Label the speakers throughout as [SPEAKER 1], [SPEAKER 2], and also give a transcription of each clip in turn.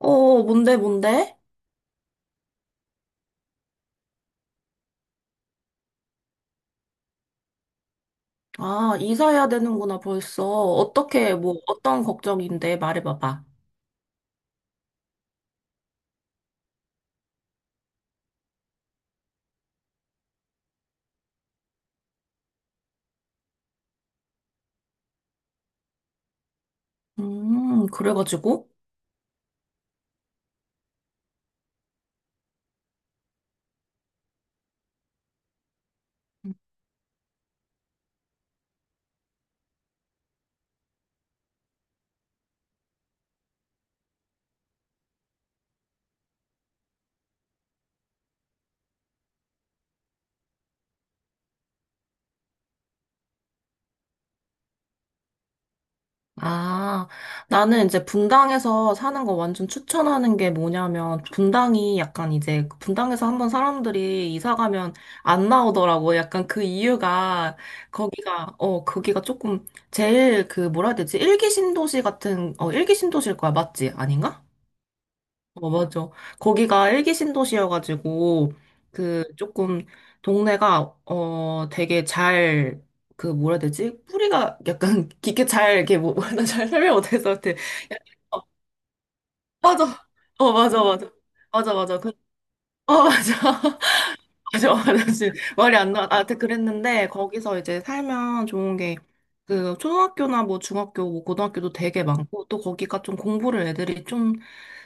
[SPEAKER 1] 어, 어, 뭔데, 뭔데? 아, 이사해야 되는구나, 벌써. 어떻게, 뭐, 어떤 걱정인데, 말해봐봐. 그래가지고? 아, 나는 이제 분당에서 사는 거 완전 추천하는 게 뭐냐면, 분당이 약간 이제, 분당에서 한번 사람들이 이사 가면 안 나오더라고. 약간 그 이유가, 거기가 조금, 제일 그, 뭐라 해야 되지? 일기 신도시 같은, 어, 일기 신도시일 거야, 맞지? 아닌가? 어, 맞아. 거기가 일기 신도시여가지고, 그, 조금, 동네가, 어, 되게 잘, 그, 뭐라 해야 되지? 뿌리가 약간 깊게 잘, 이렇게, 뭐, 나잘 설명 못해서, 이게 약간- 어, 맞아. 어, 맞아, 맞아. 맞아, 맞아. 그, 어, 맞아. 맞아, 맞아. 말이 안 나. 아, 그랬는데 거기서 이제 살면 좋은 게 그 초등학교나 뭐 중학교, 뭐 고등학교도 되게 많고 또 거기가 좀 공부를 애들이 좀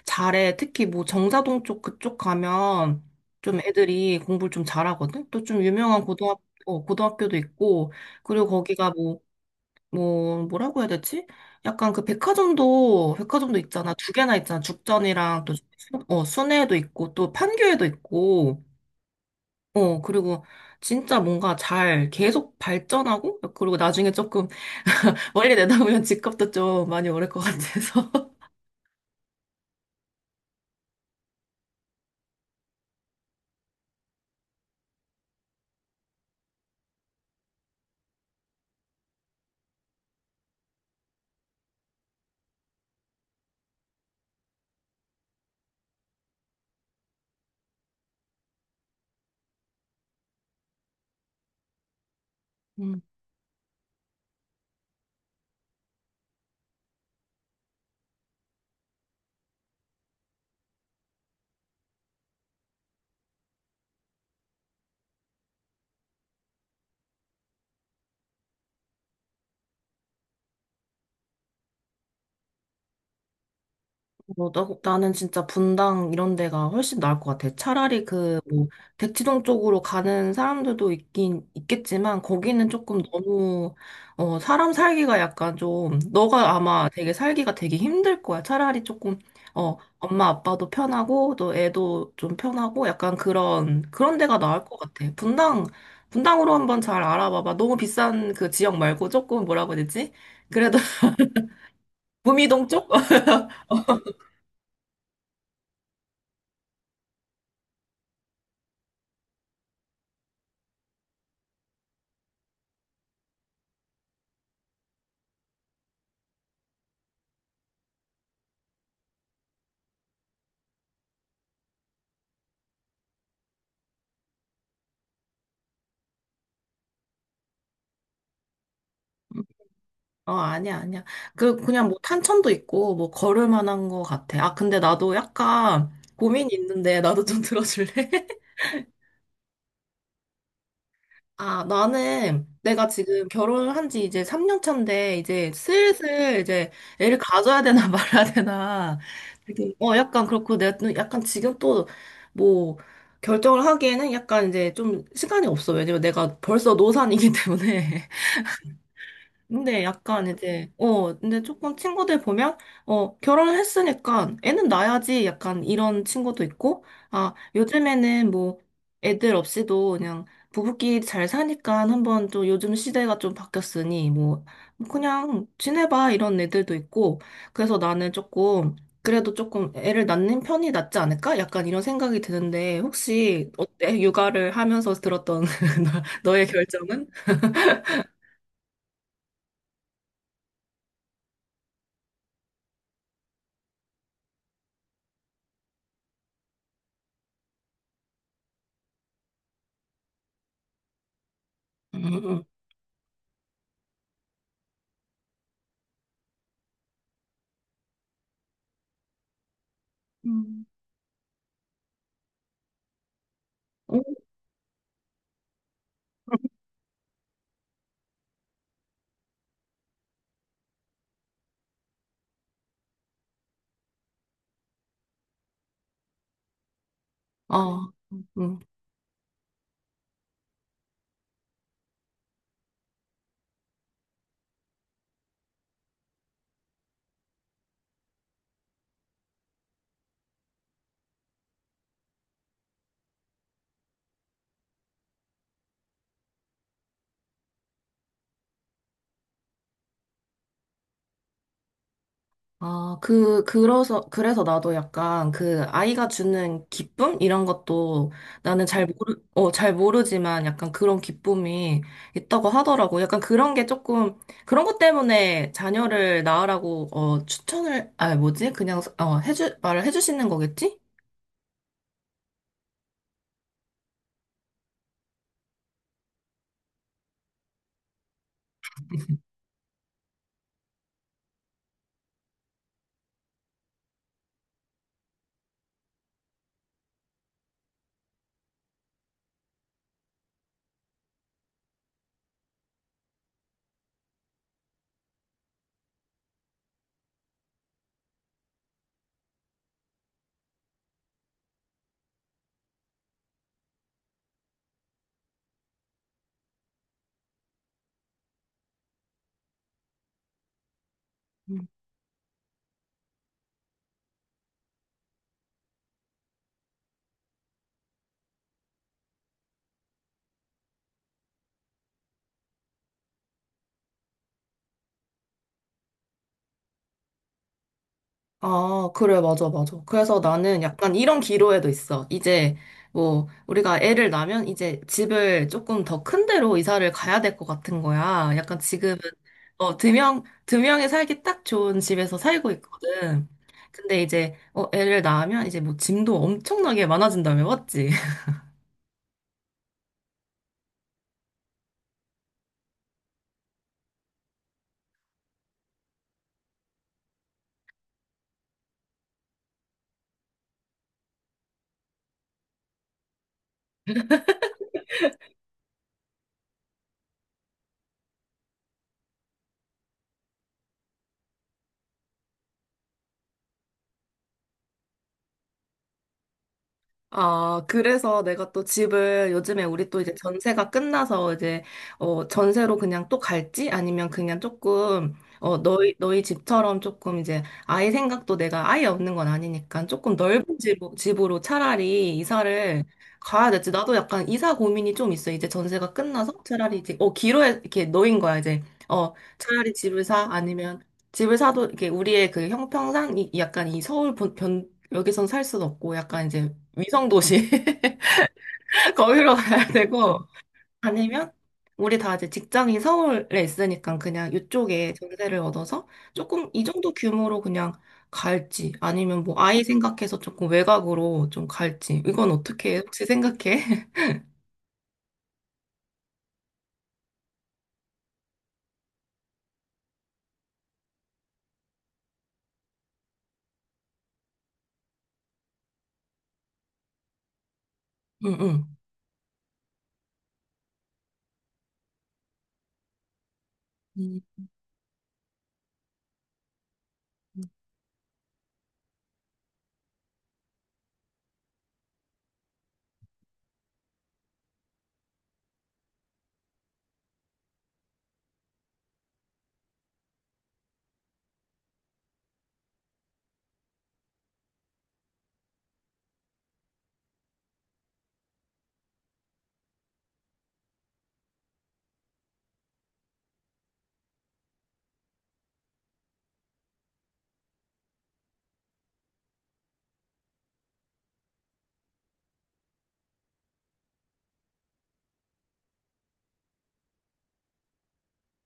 [SPEAKER 1] 잘해. 특히 뭐 정자동 쪽 그쪽 가면 좀 애들이 공부를 좀 잘하거든. 또 좀 유명한 고등학교 어, 고등학교도 있고 그리고 거기가 뭐라고 해야 되지? 약간 그 백화점도 있잖아. 두 개나 있잖아. 죽전이랑 또 어, 순회도 있고 또 판교에도 있고. 어, 그리고 진짜 뭔가 잘 계속 발전하고, 그리고 나중에 조금 멀리 내다보면 집값도 좀 많이 오를 것 같아서. 뭐, 나는 진짜 분당 이런 데가 훨씬 나을 것 같아. 차라리 그, 뭐, 대치동 쪽으로 가는 사람들도 있긴, 있겠지만, 거기는 조금 너무, 어, 사람 살기가 약간 좀, 너가 아마 되게 살기가 되게 힘들 거야. 차라리 조금, 어, 엄마 아빠도 편하고, 또 애도 좀 편하고, 약간 그런, 그런 데가 나을 것 같아. 분당으로 한번 잘 알아봐봐. 너무 비싼 그 지역 말고 조금 뭐라고 해야 되지? 그래도 구미동 쪽? 어, 아니야, 아니야. 그냥 뭐 탄천도 있고, 뭐 걸을 만한 거 같아. 아, 근데 나도 약간 고민이 있는데, 나도 좀 들어줄래? 아, 나는 내가 지금 결혼한 지 이제 3년 차인데, 이제 슬슬 이제 애를 가져야 되나 말아야 되나. 되게, 어, 약간 그렇고, 내가 또 약간 지금 또 뭐, 결정을 하기에는 약간 이제 좀 시간이 없어. 왜냐면 내가 벌써 노산이기 때문에. 근데 약간 이제, 어, 근데 조금 친구들 보면, 어, 결혼했으니까 애는 낳아야지 약간 이런 친구도 있고, 아, 요즘에는 뭐 애들 없이도 그냥 부부끼리 잘 사니까 한번 또 요즘 시대가 좀 바뀌었으니, 뭐, 그냥 지내봐 이런 애들도 있고, 그래서 나는 조금, 그래도 조금 애를 낳는 편이 낫지 않을까? 약간 이런 생각이 드는데, 혹시 어때? 육아를 하면서 들었던 너의 결정은? 음. 음. 어, 음. 아, 그래서 나도 약간 그 아이가 주는 기쁨? 이런 것도 나는 잘 모르, 어, 잘 모르지만 약간 그런 기쁨이 있다고 하더라고. 약간 그런 게 조금, 그런 것 때문에 자녀를 낳으라고, 어, 추천을, 아, 뭐지? 그냥, 어, 해주, 말을 해주시는 거겠지? 아, 그래, 맞아, 맞아. 그래서 나는 약간 이런 기로에도 있어. 이제, 뭐, 우리가 애를 낳으면 이제 집을 조금 더 큰 데로 이사를 가야 될 것 같은 거야. 약간 지금은, 어, 두 명이 살기 딱 좋은 집에서 살고 있거든. 근데 이제, 어, 애를 낳으면 이제 뭐 짐도 엄청나게 많아진다며, 맞지? 아, 그래서 내가 또 집을 요즘에 우리 또 이제 전세가 끝나서 이제 어 전세로 그냥 또 갈지 아니면 그냥 조금 어 너희 집처럼 조금 이제 아예 생각도 내가 아예 없는 건 아니니까 조금 넓은 집 집으로 차라리 이사를 가야 될지 나도 약간 이사 고민이 좀 있어. 이제 전세가 끝나서 차라리 이제 어 기로에 이렇게 놓인 거야 이제 어 차라리 집을 사 아니면 집을 사도 이렇게 우리의 그 형평상 이 약간 이 서울 변 여기선 살수 없고 약간 이제 위성 도시 거기로 가야 되고 아니면 우리 다 이제 직장이 서울에 있으니까 그냥 이쪽에 전세를 얻어서 조금 이 정도 규모로 그냥 갈지 아니면 뭐 아이 생각해서 조금 외곽으로 좀 갈지 이건 어떻게 해? 혹시 생각해? 응응.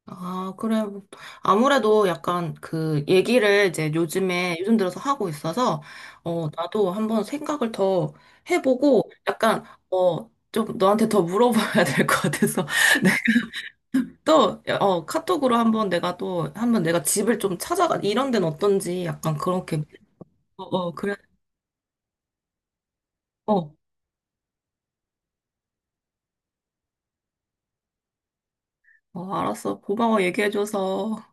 [SPEAKER 1] 아, 그래. 아무래도 약간 그 얘기를 이제 요즘에, 요즘 들어서 하고 있어서, 어, 나도 한번 생각을 더 해보고, 약간, 어, 좀 너한테 더 물어봐야 될 것 같아서. 네. 또, 어, 카톡으로 한번 내가 또, 한번 내가 집을 좀 찾아가, 이런 데는 어떤지 약간 그렇게, 어, 어, 그래. 어, 어, 알았어. 고마워, 얘기해줘서.